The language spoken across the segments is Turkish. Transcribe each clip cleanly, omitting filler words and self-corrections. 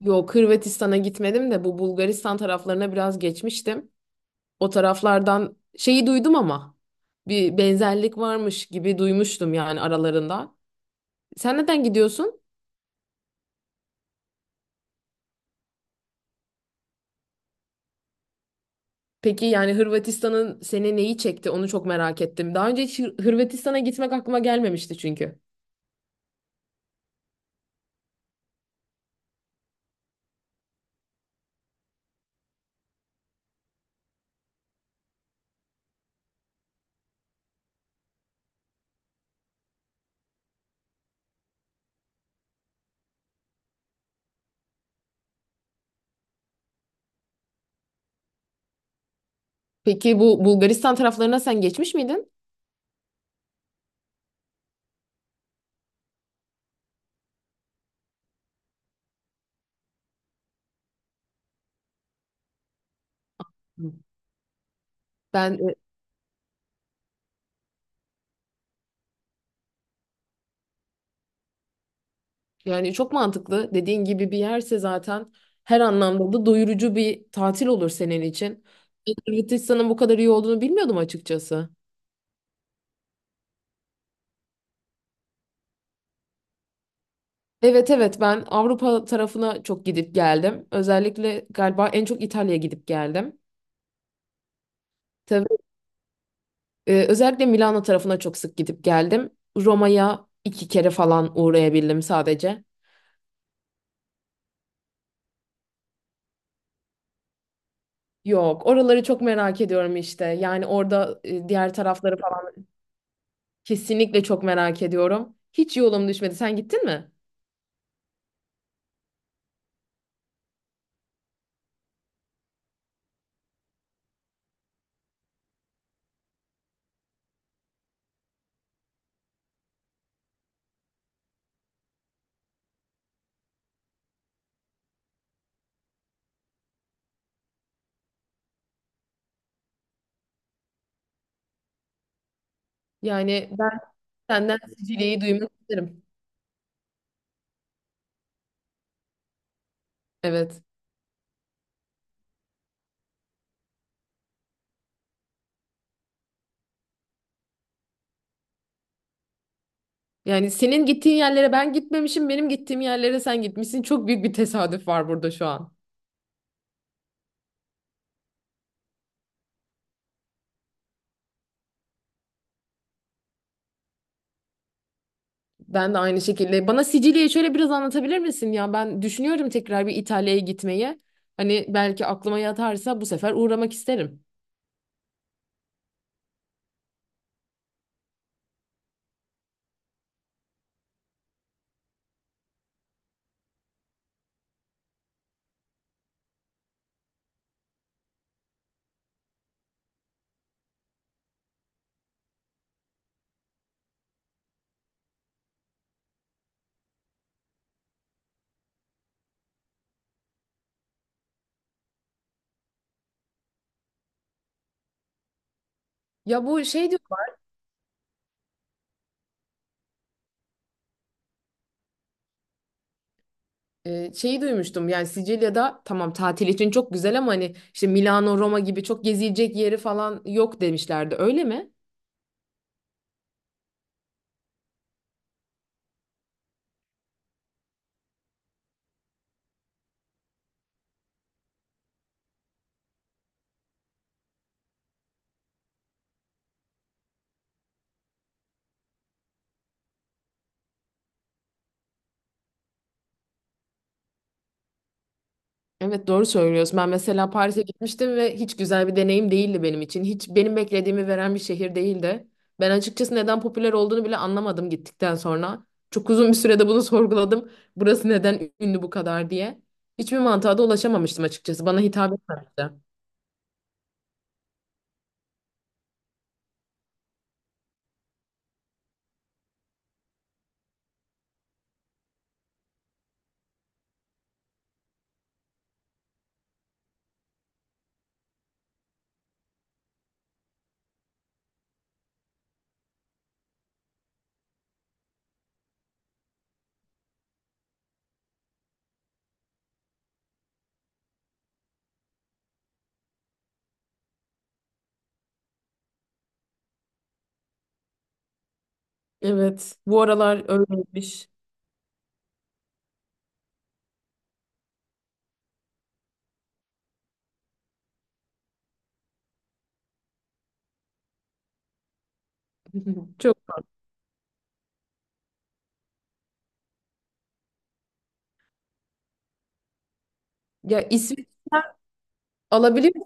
Yok, Hırvatistan'a gitmedim de bu Bulgaristan taraflarına biraz geçmiştim. O taraflardan şeyi duydum ama bir benzerlik varmış gibi duymuştum yani aralarında. Sen neden gidiyorsun? Peki yani Hırvatistan'ın seni neyi çekti? Onu çok merak ettim. Daha önce hiç Hırvatistan'a gitmek aklıma gelmemişti çünkü. Peki bu Bulgaristan taraflarına sen geçmiş miydin? Hı. Ben. Yani çok mantıklı. Dediğin gibi bir yerse zaten her anlamda da doyurucu bir tatil olur senin için. Hırvatistan'ın bu kadar iyi olduğunu bilmiyordum açıkçası. Evet, evet, ben Avrupa tarafına çok gidip geldim. Özellikle galiba en çok İtalya'ya gidip geldim. Tabii, özellikle Milano tarafına çok sık gidip geldim. Roma'ya iki kere falan uğrayabildim sadece. Yok, oraları çok merak ediyorum işte. Yani orada diğer tarafları falan kesinlikle çok merak ediyorum. Hiç yolum düşmedi. Sen gittin mi? Yani ben senden Sicilya'yı duymak isterim. Evet. Yani senin gittiğin yerlere ben gitmemişim, benim gittiğim yerlere sen gitmişsin. Çok büyük bir tesadüf var burada şu an. Ben de aynı şekilde. Bana Sicilya'yı şöyle biraz anlatabilir misin ya? Ben düşünüyorum tekrar bir İtalya'ya gitmeyi. Hani belki aklıma yatarsa bu sefer uğramak isterim. Ya bu şey diyor. Şeyi duymuştum yani Sicilya'da tamam, tatil için çok güzel ama hani işte Milano, Roma gibi çok gezilecek yeri falan yok demişlerdi. Öyle mi? Evet, doğru söylüyorsun. Ben mesela Paris'e gitmiştim ve hiç güzel bir deneyim değildi benim için. Hiç benim beklediğimi veren bir şehir değildi. Ben açıkçası neden popüler olduğunu bile anlamadım gittikten sonra. Çok uzun bir sürede bunu sorguladım. Burası neden ünlü bu kadar diye. Hiçbir mantığa da ulaşamamıştım açıkçası. Bana hitap etmemişti. Evet. Bu aralar öyleymiş. Çok ya, İsveç alabiliyor,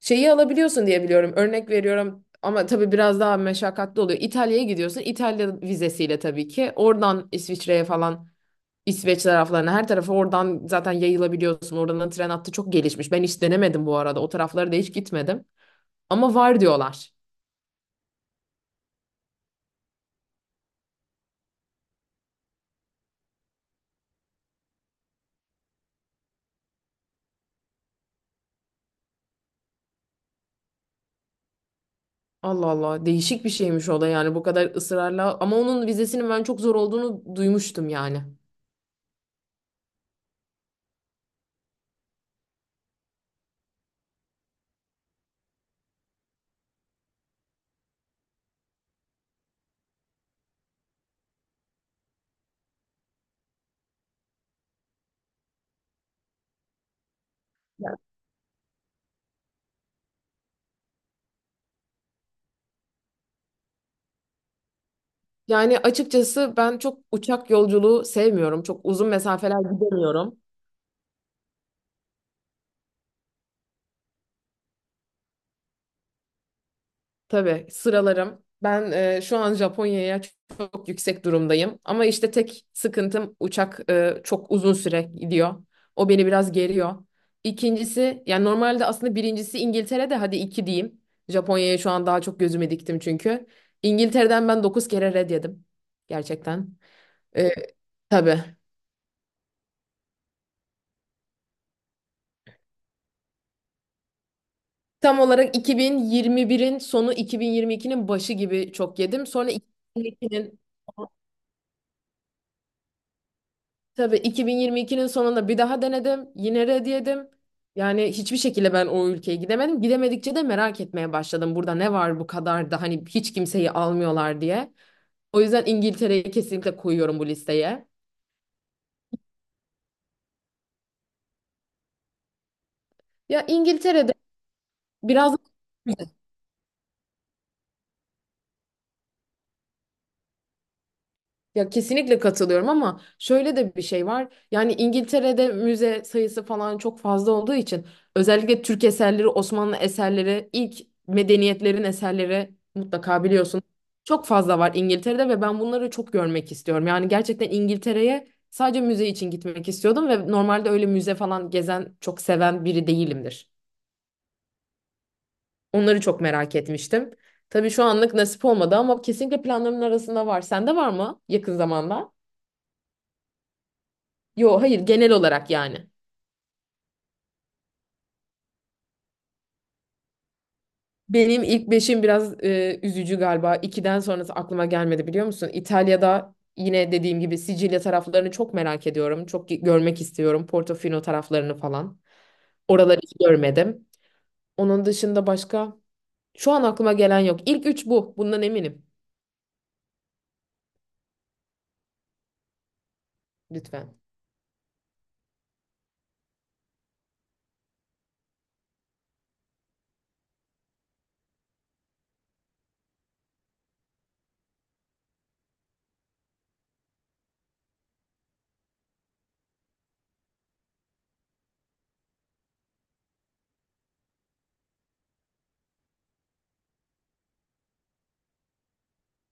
şeyi alabiliyorsun diye biliyorum. Örnek veriyorum ama tabii biraz daha meşakkatli oluyor. İtalya'ya gidiyorsun. İtalya vizesiyle tabii ki. Oradan İsviçre'ye falan, İsveç taraflarına, her tarafa oradan zaten yayılabiliyorsun. Oradan da tren hattı çok gelişmiş. Ben hiç denemedim bu arada. O taraflara da hiç gitmedim. Ama var diyorlar. Allah Allah, değişik bir şeymiş o da yani, bu kadar ısrarla, ama onun vizesinin ben çok zor olduğunu duymuştum yani. Yani açıkçası ben çok uçak yolculuğu sevmiyorum. Çok uzun mesafeler gidemiyorum. Tabii, sıralarım. Ben şu an Japonya'ya çok, çok yüksek durumdayım. Ama işte tek sıkıntım uçak, çok uzun süre gidiyor. O beni biraz geriyor. İkincisi yani, normalde aslında birincisi İngiltere'de, hadi iki diyeyim. Japonya'ya şu an daha çok gözüme diktim çünkü. İngiltere'den ben 9 kere red yedim. Gerçekten. E, Tabii. Tam olarak 2021'in sonu, 2022'nin başı gibi çok yedim. Sonra 2022'nin Tabii, 2022'nin sonunda bir daha denedim. Yine red yedim. Yani hiçbir şekilde ben o ülkeye gidemedim. Gidemedikçe de merak etmeye başladım. Burada ne var bu kadar da, hani hiç kimseyi almıyorlar diye. O yüzden İngiltere'yi kesinlikle koyuyorum bu listeye. Ya İngiltere'de biraz Ya kesinlikle katılıyorum ama şöyle de bir şey var. Yani İngiltere'de müze sayısı falan çok fazla olduğu için özellikle Türk eserleri, Osmanlı eserleri, ilk medeniyetlerin eserleri mutlaka biliyorsun. Çok fazla var İngiltere'de ve ben bunları çok görmek istiyorum. Yani gerçekten İngiltere'ye sadece müze için gitmek istiyordum ve normalde öyle müze falan gezen, çok seven biri değilimdir. Onları çok merak etmiştim. Tabii şu anlık nasip olmadı ama kesinlikle planlarımın arasında var. Sende var mı yakın zamanda? Yo hayır, genel olarak yani. Benim ilk beşim biraz üzücü galiba. İkiden sonrası aklıma gelmedi biliyor musun? İtalya'da yine dediğim gibi Sicilya taraflarını çok merak ediyorum. Çok görmek istiyorum. Portofino taraflarını falan. Oraları hiç görmedim. Onun dışında başka şu an aklıma gelen yok. İlk üç bu. Bundan eminim. Lütfen.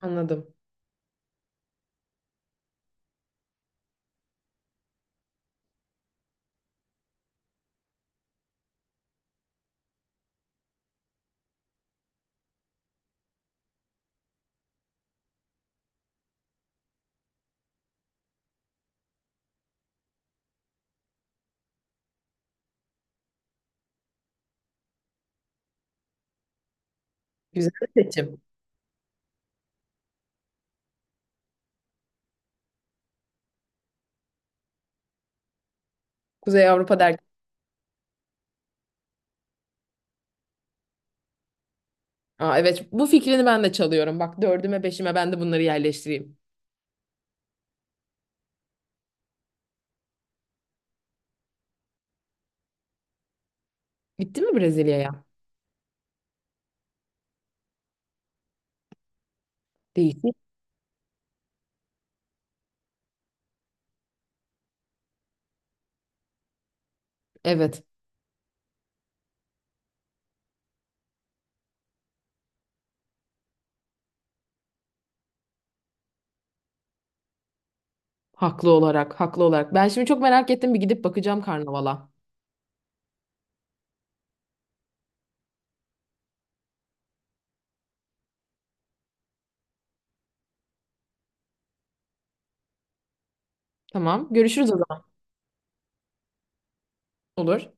Anladım. Güzel bir seçim. Kuzey Avrupa derken. Aa, evet, bu fikrini ben de çalıyorum. Bak, dördüme beşime ben de bunları yerleştireyim. Gitti mi Brezilya'ya? Değişik. Evet. Haklı olarak, haklı olarak. Ben şimdi çok merak ettim. Bir gidip bakacağım karnavala. Tamam. Görüşürüz o zaman. Olur.